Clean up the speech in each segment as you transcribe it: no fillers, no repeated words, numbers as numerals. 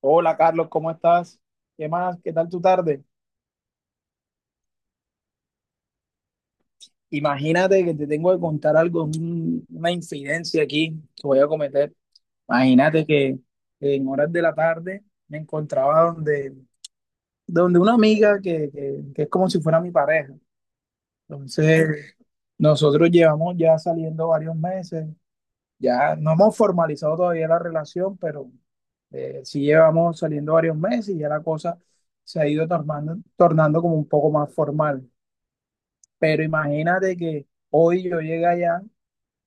Hola Carlos, ¿cómo estás? ¿Qué más? ¿Qué tal tu tarde? Imagínate que te tengo que contar algo, una infidencia aquí que voy a cometer. Imagínate que en horas de la tarde me encontraba donde una amiga que es como si fuera mi pareja. Entonces, nosotros llevamos ya saliendo varios meses, ya no hemos formalizado todavía la relación, pero sí llevamos saliendo varios meses y ya la cosa se ha ido tornando como un poco más formal. Pero imagínate que hoy yo llegué allá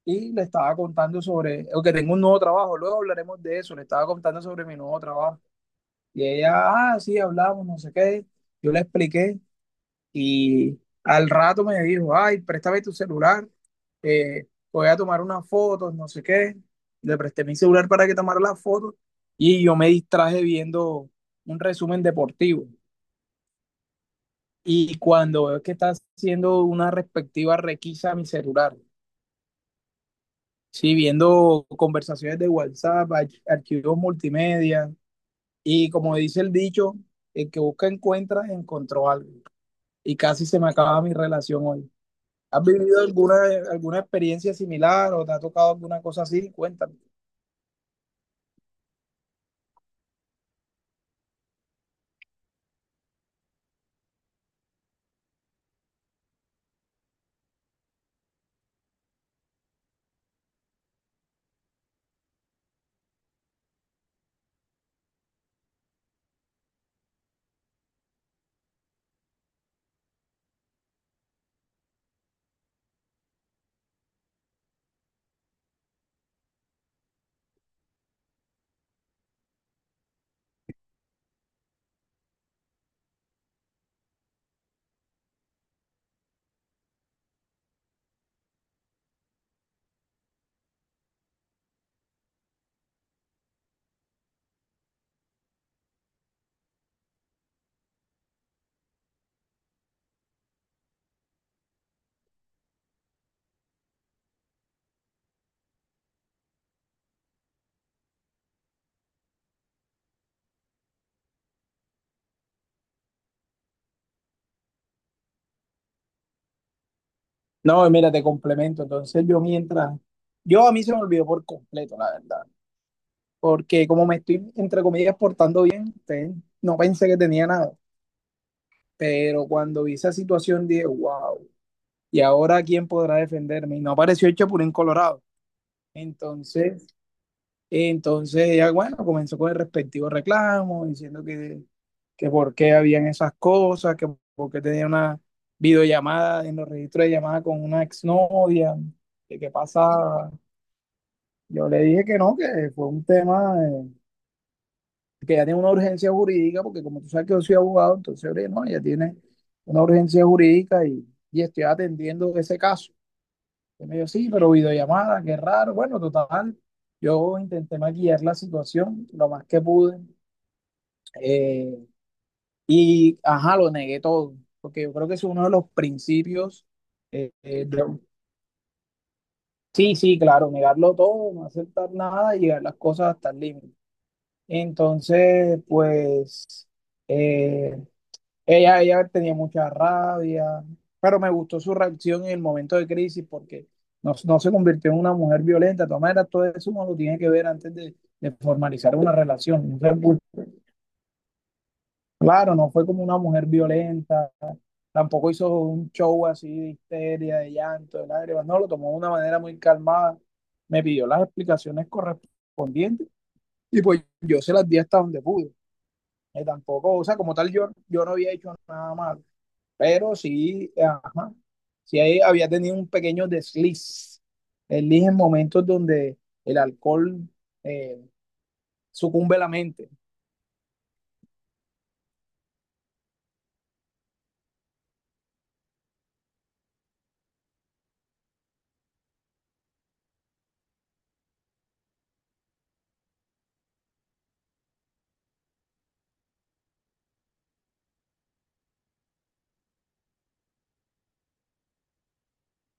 y le estaba contando sobre, o que tengo un nuevo trabajo, luego hablaremos de eso, le estaba contando sobre mi nuevo trabajo. Y ella, ah, sí, hablamos, no sé qué. Yo le expliqué y al rato me dijo, ay, préstame tu celular, eh, voy a tomar unas fotos, no sé qué. Le presté mi celular para que tomara las fotos y yo me distraje viendo un resumen deportivo. Y cuando veo que está haciendo una respectiva requisa a mi celular. Sí, viendo conversaciones de WhatsApp, archivos multimedia. Y como dice el dicho, el que busca encuentra, encontró algo. Y casi se me acaba mi relación hoy. ¿Has vivido alguna experiencia similar o te ha tocado alguna cosa así? Cuéntame. No, mira, te complemento. Entonces yo a mí se me olvidó por completo, la verdad. Porque como me estoy, entre comillas, portando bien, no pensé que tenía nada. Pero cuando vi esa situación dije, wow. Y ahora quién podrá defenderme. Y no apareció el Chapulín Colorado. Entonces, entonces ella, bueno, comenzó con el respectivo reclamo, diciendo que por qué habían esas cosas, que por qué tenía una videollamada en los registros de llamada con una exnovia, que qué pasaba. Yo le dije que no, que fue un tema que ya tiene una urgencia jurídica, porque como tú sabes que yo soy abogado, entonces, oye, no, ella tiene una urgencia jurídica y estoy atendiendo ese caso. Y me dijo, sí, pero videollamada, qué raro. Bueno, total, yo intenté maquillar la situación lo más que pude. eh, y, ajá, lo negué todo, porque yo creo que es uno de los principios. eh, eh, de- sí, sí, claro, negarlo todo, no aceptar nada y llegar las cosas hasta el límite. Entonces, pues, eh, ella tenía mucha rabia, pero me gustó su reacción en el momento de crisis porque no, no se convirtió en una mujer violenta. De todas maneras, todo eso uno lo tiene que ver antes de formalizar una relación. Claro, no fue como una mujer violenta, tampoco hizo un show así de histeria, de llanto, de lágrimas. No, lo tomó de una manera muy calmada. Me pidió las explicaciones correspondientes y pues yo se las di hasta donde pude. Tampoco, o sea, como tal, yo no había hecho nada malo. Pero sí, ajá, sí ahí había tenido un pequeño desliz en momentos donde el alcohol eh, sucumbe la mente.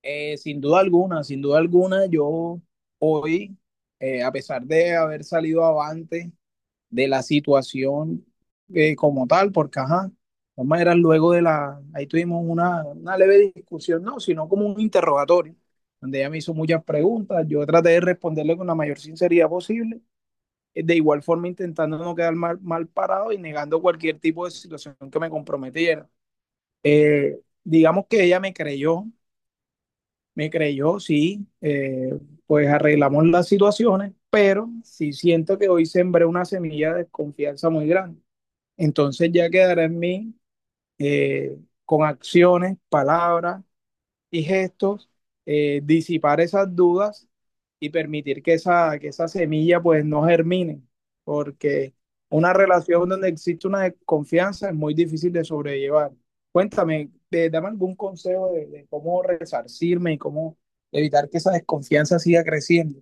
Sin duda alguna, sin duda alguna, yo hoy, a pesar de haber salido avante de la situación como tal, porque ajá, de todas maneras luego de ahí tuvimos una leve discusión, no, sino como un interrogatorio, donde ella me hizo muchas preguntas, yo traté de responderle con la mayor sinceridad posible. Eh, de igual forma intentando no quedar mal parado y negando cualquier tipo de situación que me comprometiera. Digamos que ella me creyó, sí, pues arreglamos las situaciones, pero sí siento que hoy sembré una semilla de desconfianza muy grande. Entonces ya quedará en mí eh, con acciones, palabras y gestos, disipar esas dudas y permitir que que esa semilla pues no germine, porque una relación donde existe una desconfianza es muy difícil de sobrellevar. Cuéntame, dame algún consejo de cómo resarcirme y cómo evitar que esa desconfianza siga creciendo.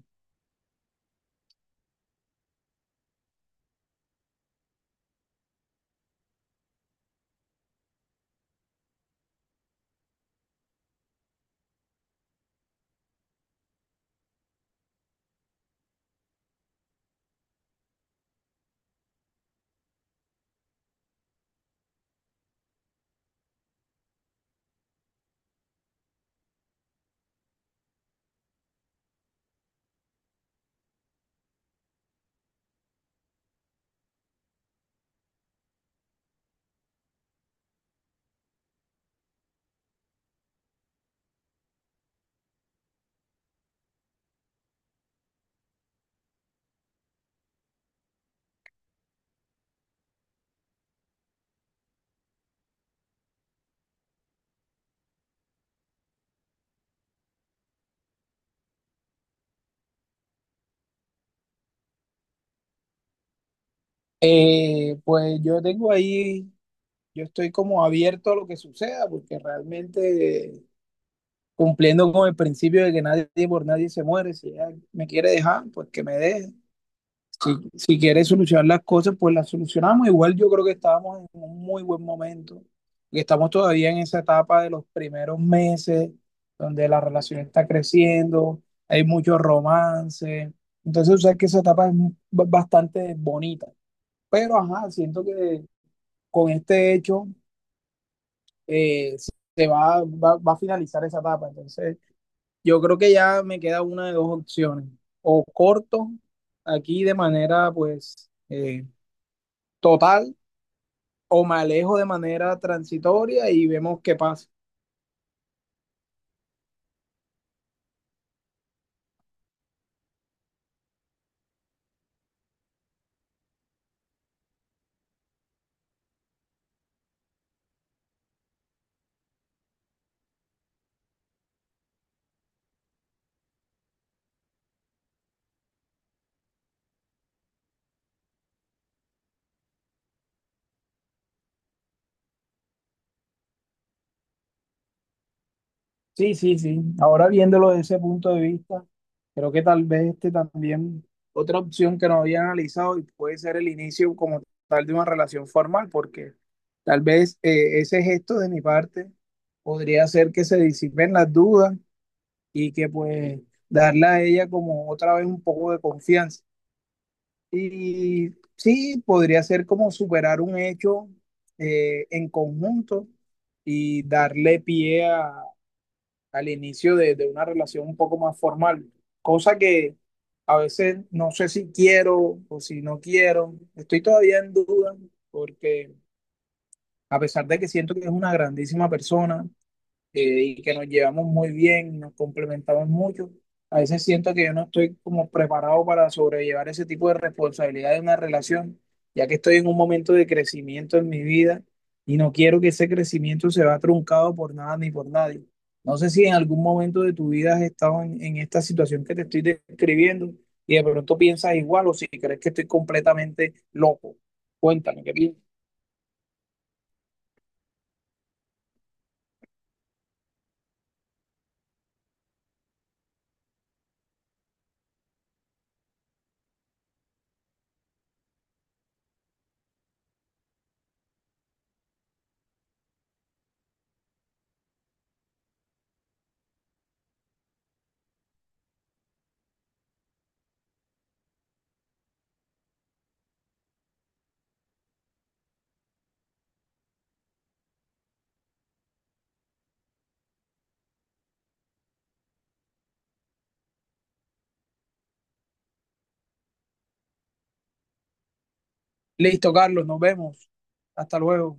Pues yo tengo ahí, yo estoy como abierto a lo que suceda, porque realmente cumpliendo con el principio de que nadie por nadie se muere. Si ella me quiere dejar, pues que me deje. Si, si quiere solucionar las cosas, pues las solucionamos. Igual yo creo que estábamos en un muy buen momento y estamos todavía en esa etapa de los primeros meses donde la relación está creciendo, hay mucho romance. Entonces, o sea, que esa etapa es bastante bonita. Pero, ajá, siento que con este hecho eh, se va a finalizar esa etapa. Entonces, yo creo que ya me queda una de dos opciones. O corto aquí de manera pues total o me alejo de manera transitoria y vemos qué pasa. Sí, sí, sí. Ahora viéndolo desde ese punto de vista, creo que tal vez este también otra opción que no había analizado y puede ser el inicio como tal de una relación formal, porque tal vez ese gesto de mi parte podría hacer que se disipen las dudas y que pues darle a ella como otra vez un poco de confianza. Y sí, podría ser como superar un hecho en conjunto y al inicio de una relación un poco más formal, cosa que a veces no sé si quiero o si no quiero, estoy todavía en duda porque a pesar de que siento que es una grandísima persona, y que nos llevamos muy bien, nos complementamos mucho. A veces siento que yo no estoy como preparado para sobrellevar ese tipo de responsabilidad de una relación, ya que estoy en un momento de crecimiento en mi vida y no quiero que ese crecimiento se vea truncado por nada ni por nadie. No sé si en algún momento de tu vida has estado en esta situación que te estoy describiendo y de pronto piensas igual o si crees que estoy completamente loco. Cuéntame, qué piensas. Listo, Carlos, nos vemos. Hasta luego.